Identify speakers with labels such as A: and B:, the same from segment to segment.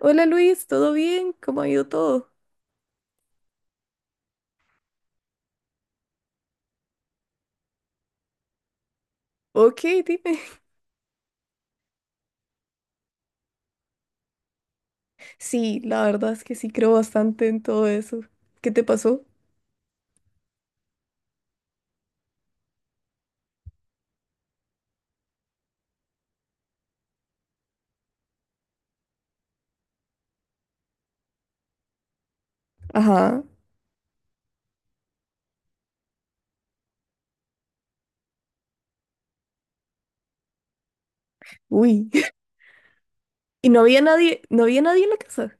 A: Hola Luis, ¿todo bien? ¿Cómo ha ido todo? Ok, dime. Sí, la verdad es que sí creo bastante en todo eso. ¿Qué te pasó? Ajá. Uy. Y no había nadie, no había nadie en la casa.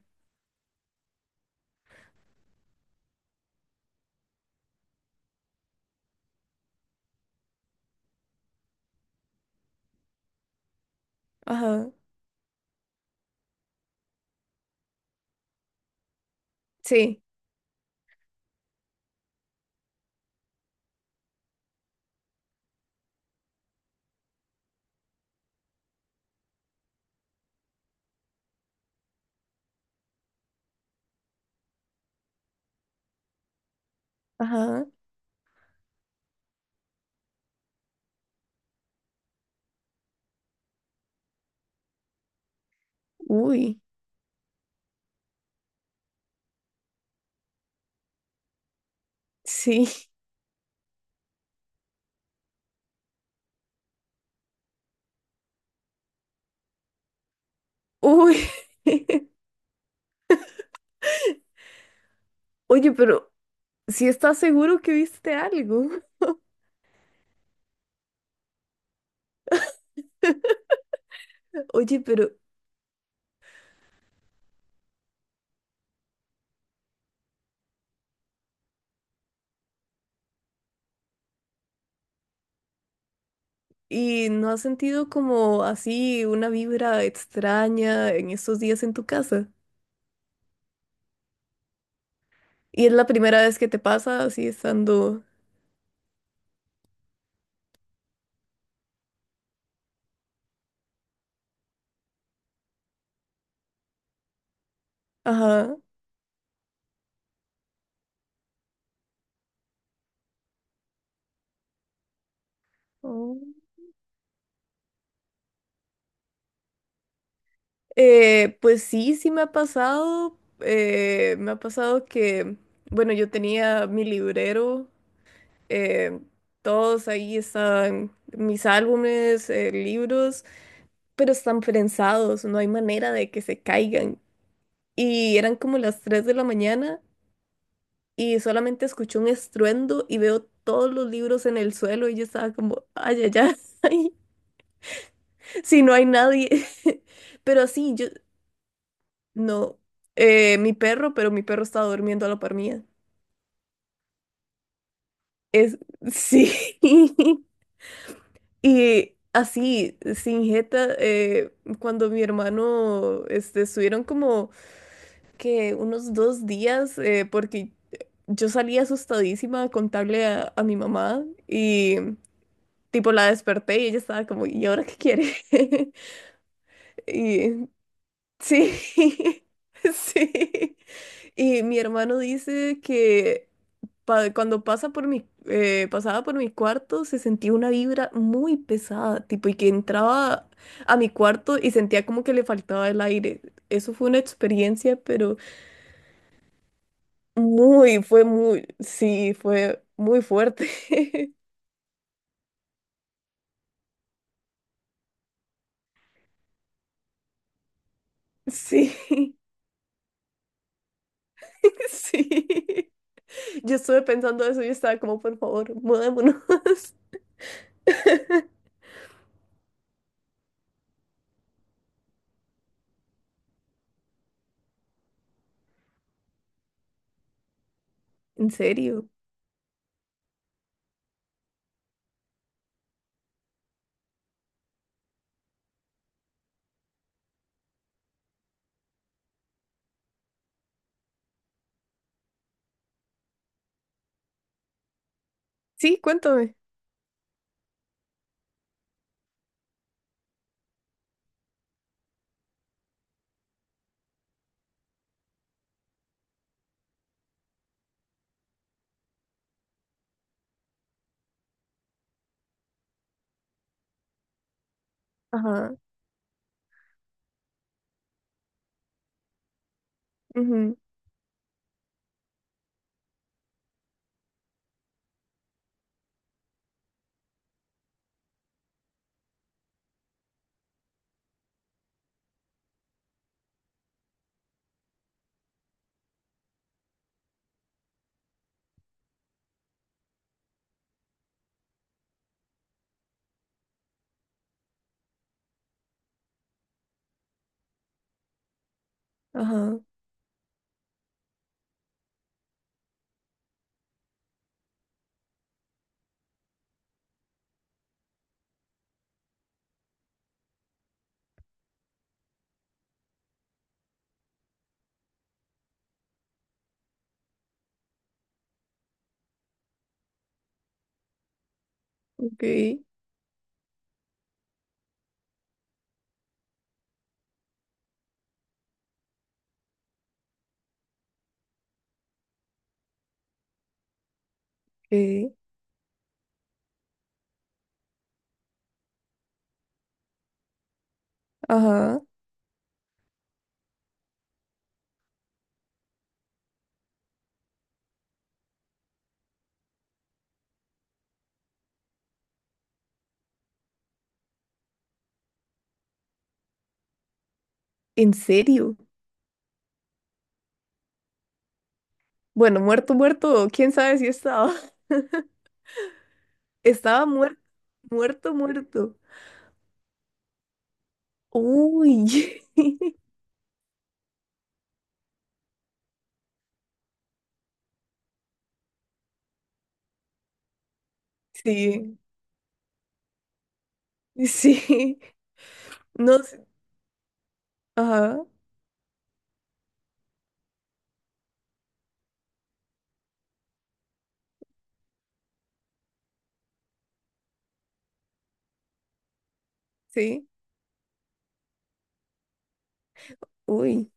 A: Ajá. Sí. Ajá. Uy. Sí. Uy. Oye, pero ¿si estás seguro que viste algo? Oye, pero ¿y no has sentido como así una vibra extraña en estos días en tu casa? ¿Y es la primera vez que te pasa así estando... Ajá. Oh. Pues sí, sí me ha pasado. Me ha pasado que, bueno, yo tenía mi librero, eh, todos ahí están mis álbumes, libros, pero están prensados, no hay manera de que se caigan. Y eran como las 3 de la mañana y solamente escuché un estruendo y veo todos los libros en el suelo y yo estaba como, ay, ay, ay, si no hay nadie. Pero sí, yo, no, mi perro, pero mi perro estaba durmiendo a la par mía. Es, sí. Y así, sin jeta, cuando mi hermano, este, estuvieron como que unos 2 días, porque yo salí asustadísima a contarle a mi mamá y tipo la desperté y ella estaba como, ¿y ahora qué quiere? Y sí, sí. Y mi hermano dice que cuando pasa por mi, pasaba por mi cuarto, se sentía una vibra muy pesada, tipo, y que entraba a mi cuarto y sentía como que le faltaba el aire. Eso fue una experiencia, pero muy, fue muy, sí, fue muy fuerte. Sí, sí. Yo estuve pensando eso y estaba como, por favor, mudémonos. En serio. Sí, cuéntame. Ajá, ujú, ajá, ok, ok, ajá. ¿En serio? Bueno, muerto, muerto, quién sabe si estaba. Estaba muerto, muerto, muerto. Uy, sí, sí, no sé, ajá, sí, uy,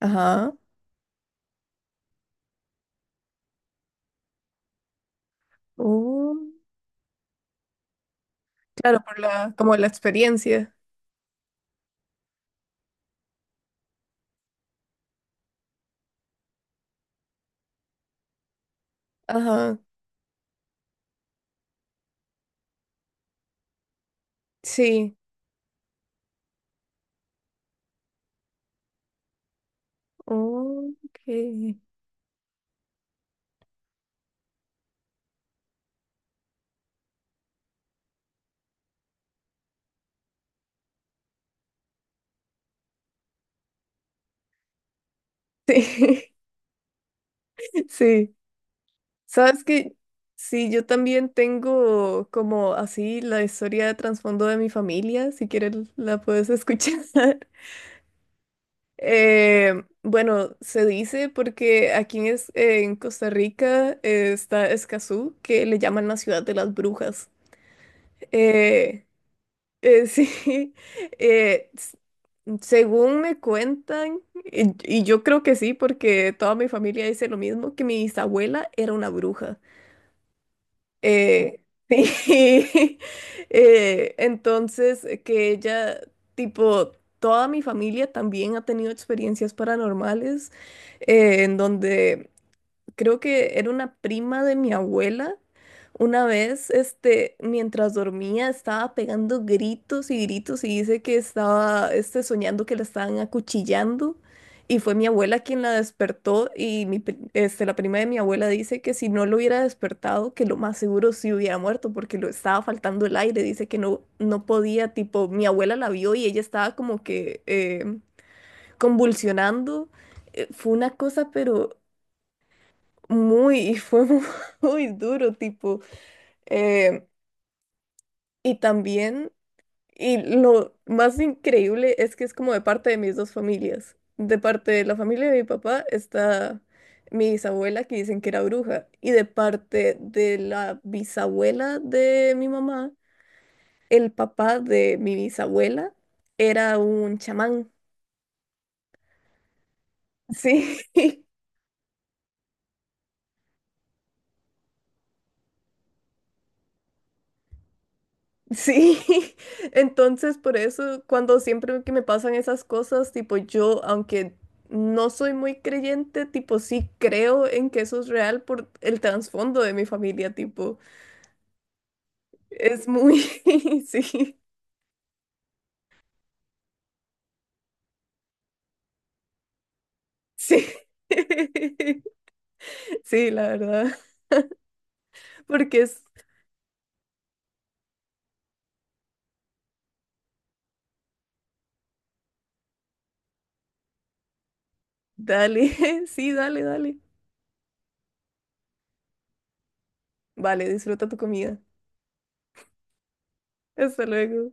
A: ajá, oh, claro, por la, como la experiencia, ajá, sí, ok, sí, sí. Sabes que sí, yo también tengo como así la historia de trasfondo de mi familia, si quieres la puedes escuchar. Bueno, se dice porque aquí en, en Costa Rica está Escazú, que le llaman la ciudad de las brujas. Eh, sí, eh, s- según me cuentan, y yo creo que sí, porque toda mi familia dice lo mismo, que mi bisabuela era una bruja. Eh, sí. Entonces, que ella, tipo, toda mi familia también ha tenido experiencias paranormales, en donde creo que era una prima de mi abuela. Una vez, este, mientras dormía, estaba pegando gritos y gritos y dice que estaba, este, soñando que la estaban acuchillando. Y fue mi abuela quien la despertó y la prima de mi abuela dice que si no lo hubiera despertado, que lo más seguro sí hubiera muerto porque lo estaba faltando el aire. Dice que no, no podía, tipo, mi abuela la vio y ella estaba como que convulsionando. Fue una cosa, pero muy, y fue muy duro, tipo, eh, y también, y lo más increíble es que es como de parte de mis dos familias, de parte de la familia de mi papá está mi bisabuela que dicen que era bruja, y de parte de la bisabuela de mi mamá, el papá de mi bisabuela era un chamán, sí. Sí, entonces por eso cuando siempre que me pasan esas cosas, tipo yo, aunque no soy muy creyente, tipo sí creo en que eso es real por el trasfondo de mi familia, tipo, es muy, sí, sí, sí, la verdad, porque es, dale, sí, dale, dale, vale, disfruta tu comida, hasta luego.